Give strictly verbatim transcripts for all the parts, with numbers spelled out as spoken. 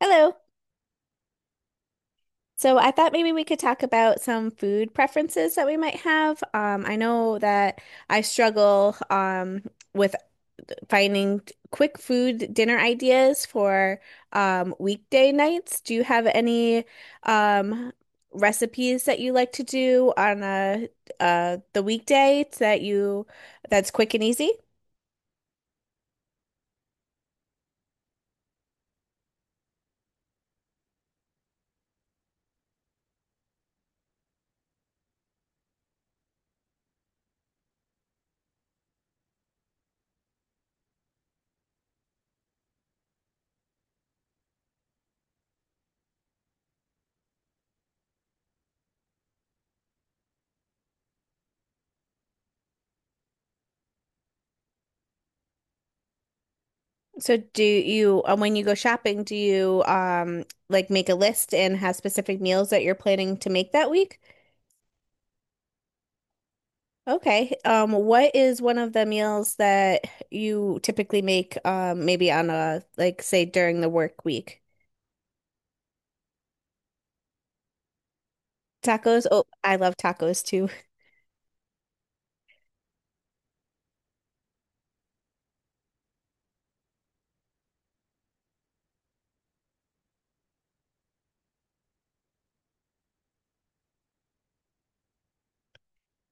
Hello. So I thought maybe we could talk about some food preferences that we might have. Um, I know that I struggle um, with finding quick food dinner ideas for um, weekday nights. Do you have any um, recipes that you like to do on a, uh, the weekday that you that's quick and easy? So do you, uh, when you go shopping, do you um like make a list and have specific meals that you're planning to make that week? Okay. Um, what is one of the meals that you typically make um maybe on a, like, say during the work week? Tacos? Oh, I love tacos too.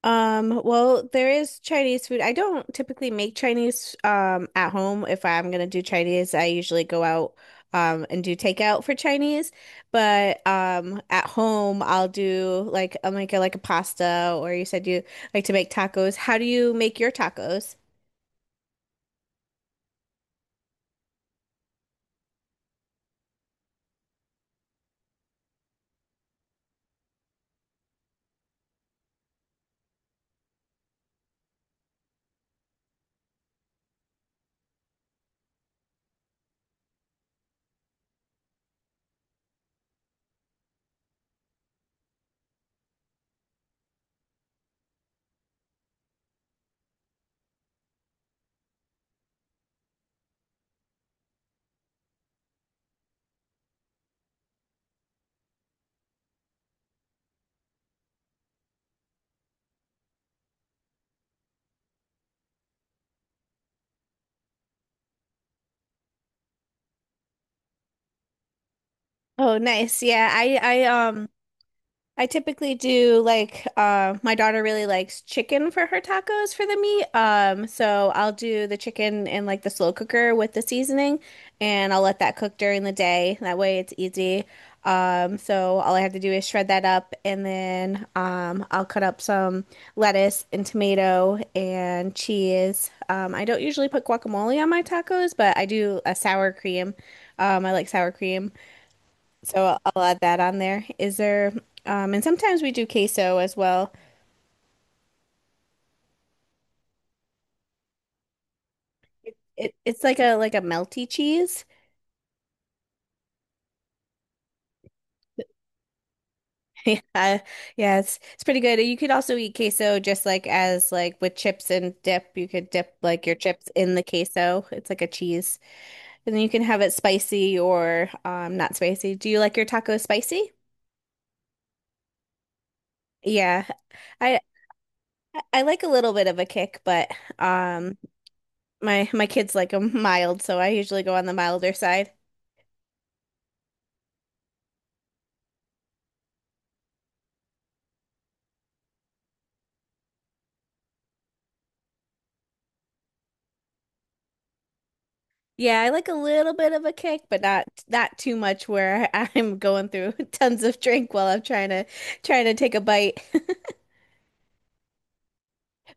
Um, well, there is Chinese food. I don't typically make Chinese um at home. If I'm gonna do Chinese, I usually go out um and do takeout for Chinese. But um at home I'll do like I'll make a, like a pasta. Or you said you like to make tacos. How do you make your tacos? Oh, nice. Yeah, I I um I typically do like, uh, my daughter really likes chicken for her tacos for the meat. Um, so I'll do the chicken in like the slow cooker with the seasoning, and I'll let that cook during the day. That way it's easy. Um, so all I have to do is shred that up, and then um, I'll cut up some lettuce and tomato and cheese. Um, I don't usually put guacamole on my tacos, but I do a sour cream. Um, I like sour cream. So I'll I'll add that on there. Is there, um, and sometimes we do queso as well. It, it it's like a, like a melty cheese. Yeah, yeah, it's it's pretty good. You could also eat queso just like, as like with chips and dip. You could dip like your chips in the queso. It's like a cheese, and then you can have it spicy or um not spicy. Do you like your taco spicy? Yeah, I I like a little bit of a kick, but um my my kids like them mild, so I usually go on the milder side. Yeah, I like a little bit of a kick, but not, not too much where I'm going through tons of drink while I'm trying to, trying to take a bite.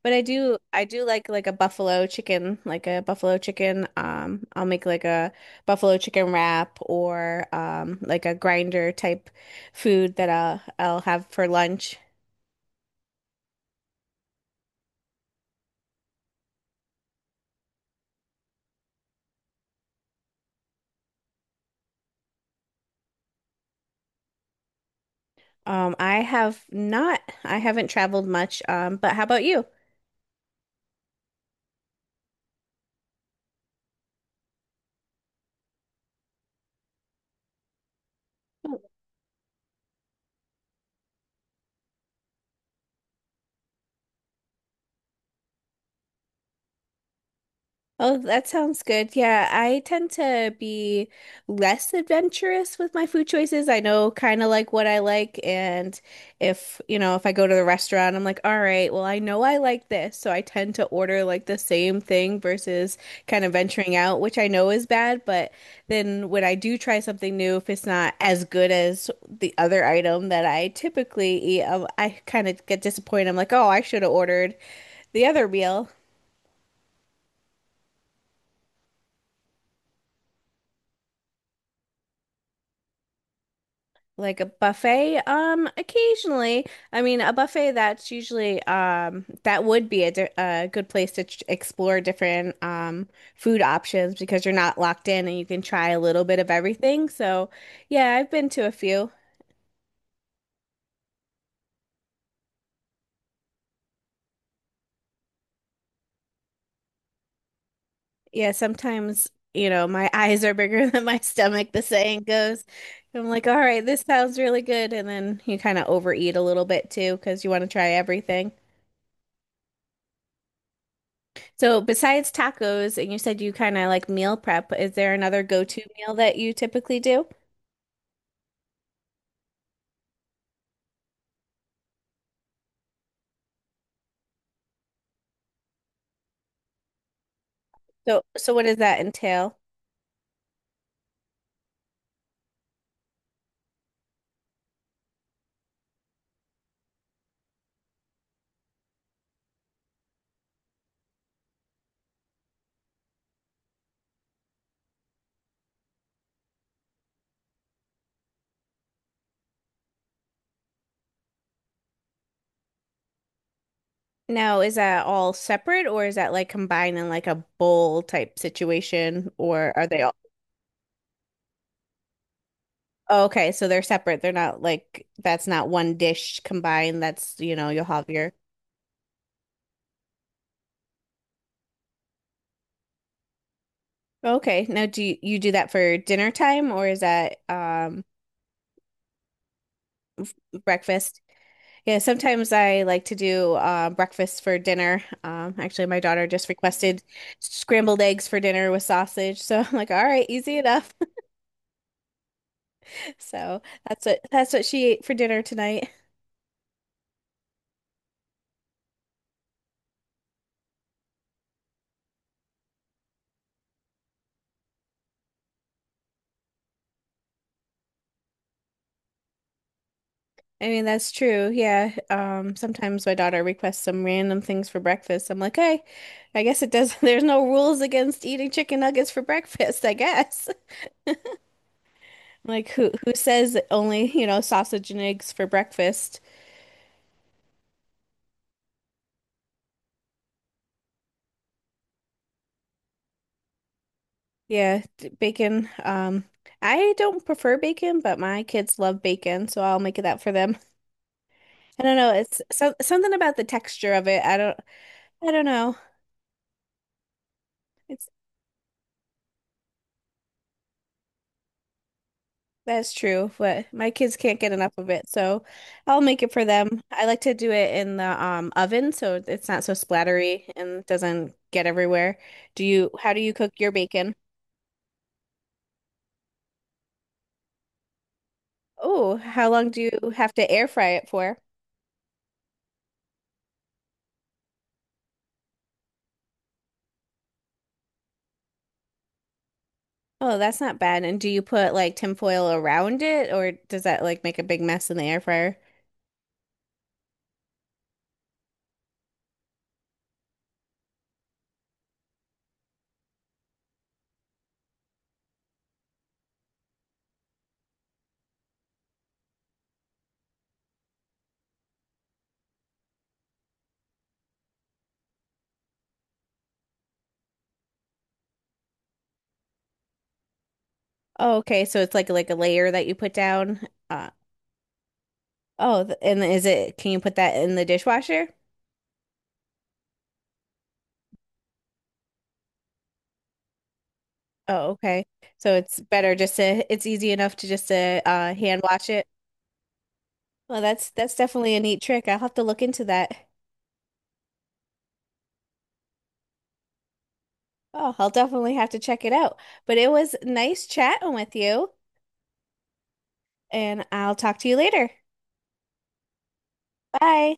But I do I do like like a buffalo chicken, like a buffalo chicken. Um, I'll make like a buffalo chicken wrap or um like a grinder type food that I'll I'll have for lunch. Um, I have not I haven't traveled much. Um, but how about you? Oh, that sounds good. Yeah, I tend to be less adventurous with my food choices. I know kind of like what I like, and if, you know, if I go to the restaurant, I'm like, all right, well, I know I like this, so I tend to order like the same thing versus kind of venturing out, which I know is bad. But then when I do try something new, if it's not as good as the other item that I typically eat, um, I kind of get disappointed. I'm like, oh, I should have ordered the other meal. Like a buffet, um, occasionally. I mean, a buffet, that's usually, um, that would be a, di a good place to ch explore different, um, food options, because you're not locked in and you can try a little bit of everything. So, yeah, I've been to a few. Yeah, sometimes, you know, my eyes are bigger than my stomach, the saying goes. I'm like, all right, this sounds really good. And then you kind of overeat a little bit too because you want to try everything. So besides tacos, and you said you kind of like meal prep, is there another go-to meal that you typically do? So so what does that entail? Now, is that all separate, or is that like combined in like a bowl type situation, or are they all… Oh, okay, so they're separate. They're not like, that's not one dish combined. That's, you know, you'll have your… Okay. Now, do you, you do that for dinner time, or is that um breakfast? Yeah, sometimes I like to do, uh, breakfast for dinner. Um, actually, my daughter just requested scrambled eggs for dinner with sausage. So I'm like, all right, easy enough. So that's what that's what she ate for dinner tonight. I mean, that's true. Yeah. Um, sometimes my daughter requests some random things for breakfast. I'm like, hey, I guess it does. There's no rules against eating chicken nuggets for breakfast, I guess. Like, who who says only, you know, sausage and eggs for breakfast? Yeah, d- bacon. Um, I don't prefer bacon, but my kids love bacon, so I'll make it that for them. I don't know. It's so, something about the texture of it. I don't. I don't know. It's That's true, but my kids can't get enough of it, so I'll make it for them. I like to do it in the um oven, so it's not so splattery and doesn't get everywhere. Do you? How do you cook your bacon? Oh, how long do you have to air fry it for? Oh, that's not bad. And do you put like tinfoil around it, or does that like make a big mess in the air fryer? Oh, okay. So it's like like a layer that you put down. Uh, oh, th- and is it, can you put that in the dishwasher? Oh, okay. So it's better just to, it's easy enough to just to, uh, hand wash it. Well, that's that's definitely a neat trick. I'll have to look into that. Oh, I'll definitely have to check it out. But it was nice chatting with you, and I'll talk to you later. Bye.